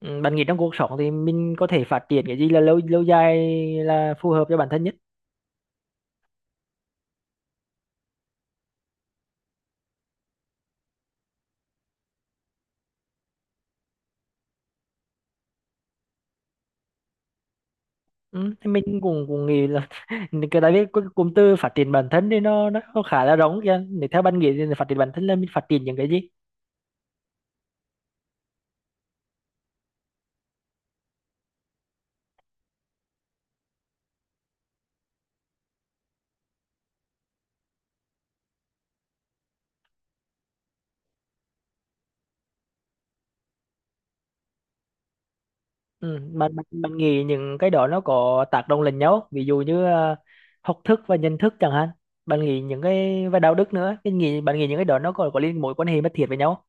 Ừ, bạn nghĩ trong cuộc sống thì mình có thể phát triển cái gì là lâu lâu dài là phù hợp cho bản thân nhất. Ừ, thì mình cũng cũng nghĩ là tại vì cái cụm từ phát triển bản thân thì nó khá là rộng kìa. Để theo bạn nghĩ thì phát triển bản thân là mình phát triển những cái gì? Ừ, bạn, bạn bạn nghĩ những cái đó nó có tác động lẫn nhau không? Ví dụ như học thức và nhận thức chẳng hạn, bạn nghĩ những cái và đạo đức nữa, mình nghĩ bạn nghĩ những cái đó nó có liên mối quan hệ mật thiết với nhau không?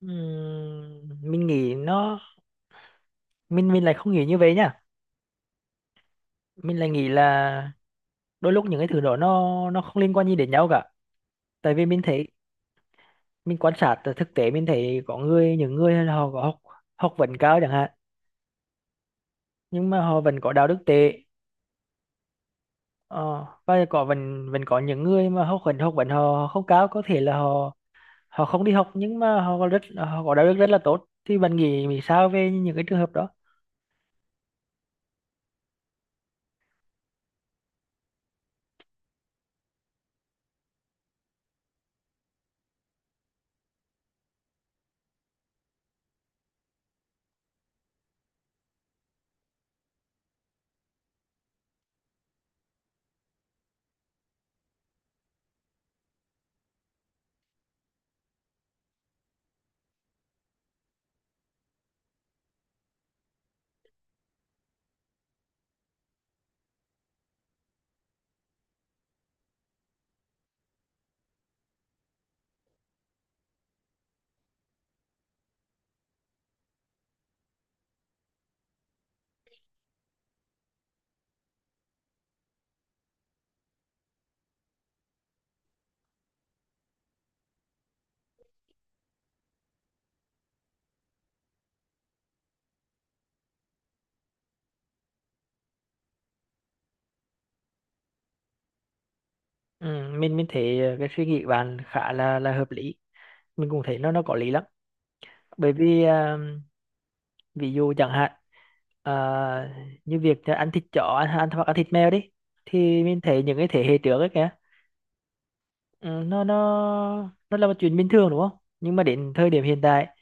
Mình nghĩ nó, mình lại không nghĩ như vậy nha. Mình lại nghĩ là đôi lúc những cái thứ đó nó không liên quan gì đến nhau cả. Tại vì mình thấy, mình quan sát từ thực tế, mình thấy có người, những người là họ có học, học vấn cao chẳng hạn, nhưng mà họ vẫn có đạo đức tệ. Ờ, và có vẫn vẫn có những người mà học vấn họ không cao, có thể là họ, họ không đi học, nhưng mà họ có rất, họ có đạo đức rất là tốt. Thì bạn nghĩ nghĩ sao về những cái trường hợp đó? ừ, mình thấy cái suy nghĩ của bạn khá là hợp lý, mình cũng thấy nó có lý lắm. Bởi vì ví dụ chẳng hạn, ờ, như việc ăn thịt chó, ăn hoặc ăn thịt mèo đi, thì mình thấy những cái thế hệ trước ấy kìa, ừ, nó là một chuyện bình thường đúng không? Nhưng mà đến thời điểm hiện tại,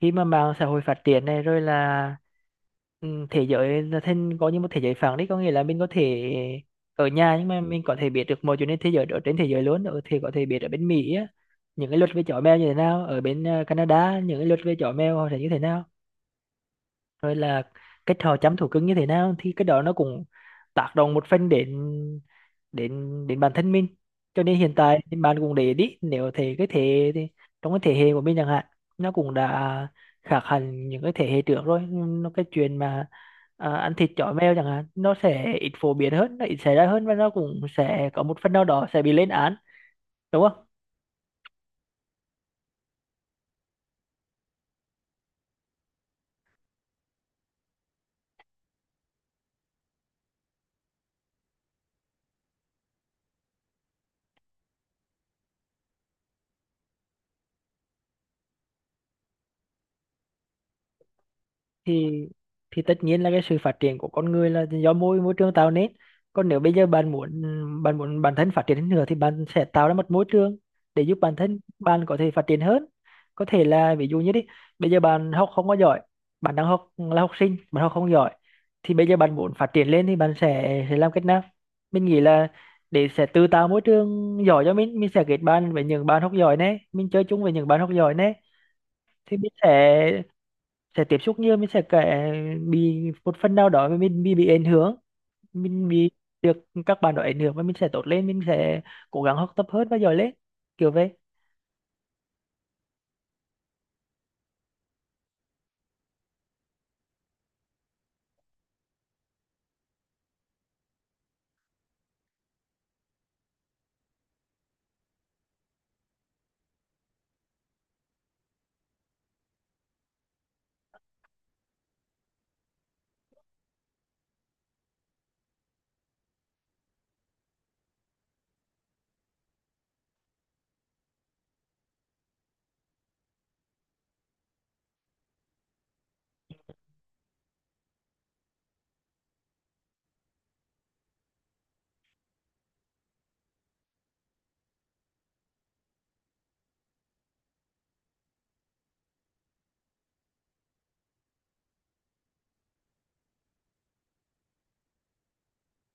khi mà mạng xã hội phát triển này, rồi là, ừ, thế giới là thêm có như một thế giới phẳng đấy, có nghĩa là mình có thể ở nhà nhưng mà mình có thể biết được mọi chuyện trên thế giới, ở trên thế giới luôn, ở thì có thể biết ở bên Mỹ á, những cái luật về chó mèo như thế nào, ở bên Canada những cái luật về chó mèo họ sẽ như thế nào, rồi là cái trò chăm thú cưng như thế nào. Thì cái đó nó cũng tác động một phần đến, đến, đến bản thân mình. Cho nên hiện tại thì bạn cũng để ý, nếu thế cái thế thì trong cái thế hệ của mình chẳng hạn, nó cũng đã khác hẳn những cái thế hệ trước rồi. Nó cái chuyện mà ăn thịt chó mèo chẳng hạn, nó sẽ ít phổ biến hơn, nó ít xảy ra hơn, và nó cũng sẽ có một phần nào đó sẽ bị lên án, đúng không? thì thì tất nhiên là cái sự phát triển của con người là do môi môi trường tạo nên. Còn nếu bây giờ bạn muốn, bạn muốn bản thân phát triển hơn nữa, thì bạn sẽ tạo ra một môi trường để giúp bản thân bạn có thể phát triển hơn. Có thể là ví dụ như đi, bây giờ bạn học không có giỏi, bạn đang học là học sinh, bạn học không giỏi, thì bây giờ bạn muốn phát triển lên thì bạn sẽ làm cách nào? Mình nghĩ là để sẽ tự tạo môi trường giỏi cho mình sẽ kết bạn với những bạn học giỏi này, mình chơi chung với những bạn học giỏi này, thì mình sẽ tiếp xúc nhiều, mình sẽ kể, bị một phần nào đó mà mình bị ảnh hưởng, mình bị được các bạn đó ảnh hưởng, và mình sẽ tốt lên, mình sẽ cố gắng học tập hơn và giỏi lên, kiểu vậy.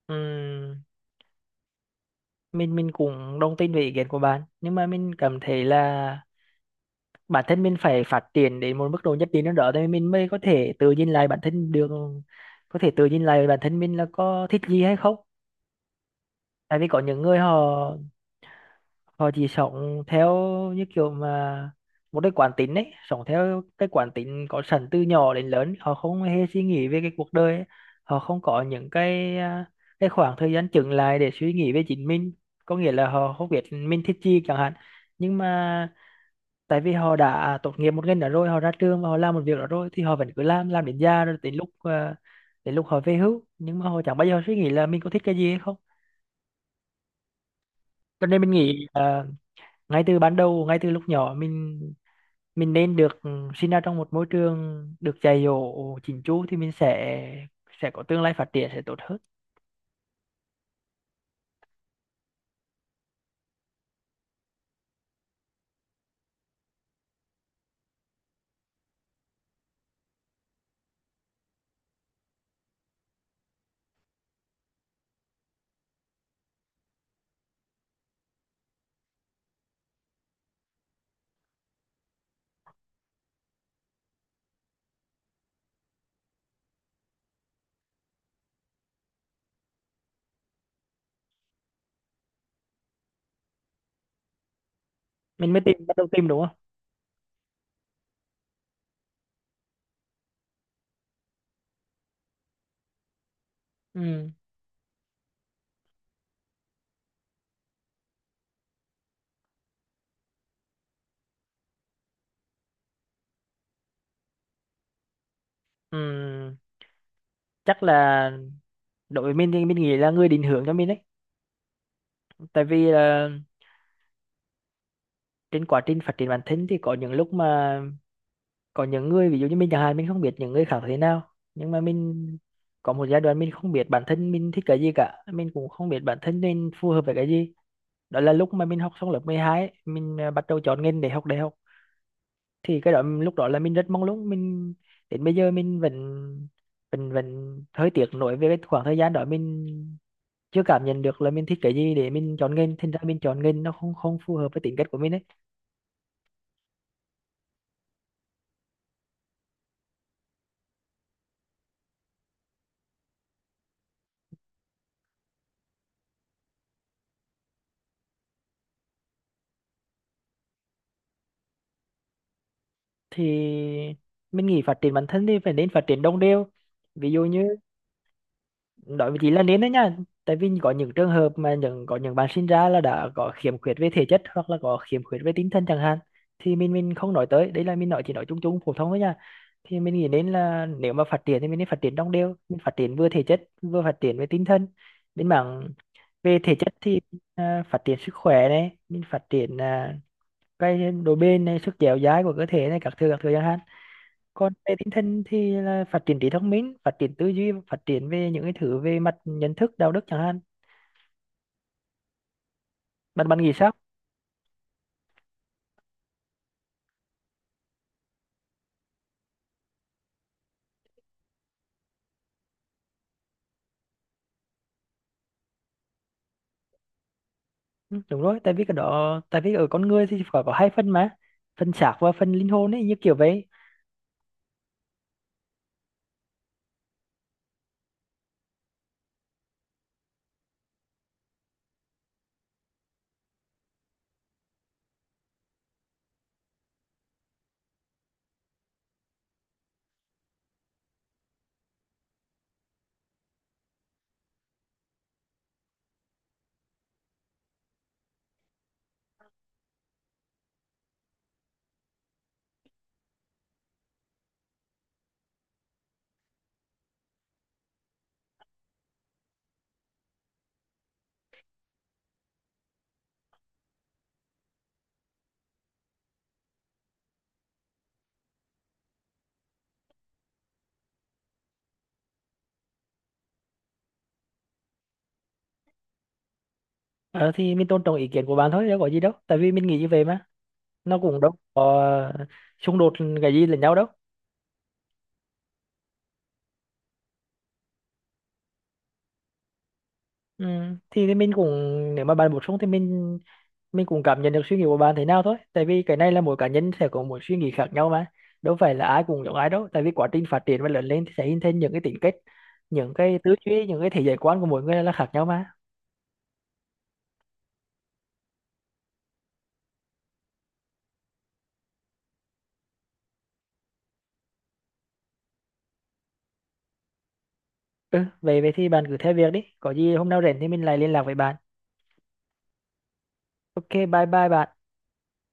Ừm, mình cũng đồng tin về ý kiến của bạn, nhưng mà mình cảm thấy là bản thân mình phải phát triển đến một mức độ nhất định nào đó thì mình mới có thể tự nhìn lại bản thân được, có thể tự nhìn lại bản thân mình là có thích gì hay không. Tại vì có những người họ, họ chỉ sống theo như kiểu mà một cái quán tính ấy, sống theo cái quán tính có sẵn từ nhỏ đến lớn, họ không hề suy nghĩ về cái cuộc đời ấy. Họ không có những cái cái khoảng thời gian chững lại để suy nghĩ về chính mình, có nghĩa là họ không biết mình thích gì chẳng hạn. Nhưng mà tại vì họ đã tốt nghiệp một ngành đó rồi, họ ra trường và họ làm một việc đó rồi, thì họ vẫn cứ làm đến già, rồi đến lúc đến lúc họ về hưu, nhưng mà họ chẳng bao giờ suy nghĩ là mình có thích cái gì hay không. Cho nên mình nghĩ ngay từ ban đầu, ngay từ lúc nhỏ, mình nên được sinh ra trong một môi trường được dạy dỗ chỉnh chu, thì mình sẽ có tương lai phát triển sẽ tốt hơn. Mình mới tìm, bắt đầu tìm, đúng không? Ừ. Ừ. Chắc là đối với mình thì mình nghĩ là người định hướng cho mình đấy. Tại vì là trên quá trình phát triển bản thân thì có những lúc mà, có những người, ví dụ như mình chẳng hạn, mình không biết những người khác thế nào, nhưng mà mình có một giai đoạn mình không biết bản thân mình thích cái gì cả, mình cũng không biết bản thân mình phù hợp với cái gì. Đó là lúc mà mình học xong lớp 12 ấy, mình bắt đầu chọn ngành để học đại học. Thì cái đó lúc đó là mình rất mong muốn mình, đến bây giờ mình vẫn, vẫn hơi tiếc nuối về cái khoảng thời gian đó, mình chưa cảm nhận được là mình thích cái gì để mình chọn nghề, thành ra mình chọn nghề nó không không phù hợp với tính cách của mình ấy. Thì mình nghĩ phát triển bản thân thì phải nên phát triển đồng đều, ví dụ như nói với chị là nên đấy nha. Tại vì có những trường hợp mà những, có những bạn sinh ra là đã có khiếm khuyết về thể chất hoặc là có khiếm khuyết về tinh thần chẳng hạn, thì mình không nói tới đấy, là mình nói chỉ nói chung chung phổ thông thôi nha. Thì mình nghĩ đến là nếu mà phát triển thì mình nên phát triển đồng đều, mình phát triển vừa thể chất vừa phát triển về tinh thần. Bên mảng về thể chất thì phát triển sức khỏe này, mình phát triển cái độ bền này, sức dẻo dai của cơ thể này, các thứ chẳng hạn. Còn về tinh thần thì là phát triển trí thông minh, phát triển tư duy, phát triển về những cái thứ về mặt nhận thức, đạo đức chẳng hạn. Bạn bạn nghĩ sao? Ừ, đúng rồi, tại vì cái đó, tại vì ở con người thì phải có hai phần mà, phần xác và phần linh hồn ấy, như kiểu vậy. Ờ, thì mình tôn trọng ý kiến của bạn thôi, đâu có gì đâu, tại vì mình nghĩ như vậy mà, nó cũng đâu có xung đột cái gì lẫn nhau đâu. Ừ. Thì mình cũng, nếu mà bạn bổ sung thì mình cũng cảm nhận được suy nghĩ của bạn thế nào thôi, tại vì cái này là mỗi cá nhân sẽ có một suy nghĩ khác nhau mà, đâu phải là ai cũng giống ai đâu, tại vì quá trình phát triển và lớn lên thì sẽ hình thành những cái tính cách, những cái tư duy, những cái thế giới quan của mỗi người là khác nhau mà. Ừ về về thì bạn cứ theo việc đi, có gì hôm nào rảnh thì mình lại liên lạc với bạn. Ok, bye bye bạn.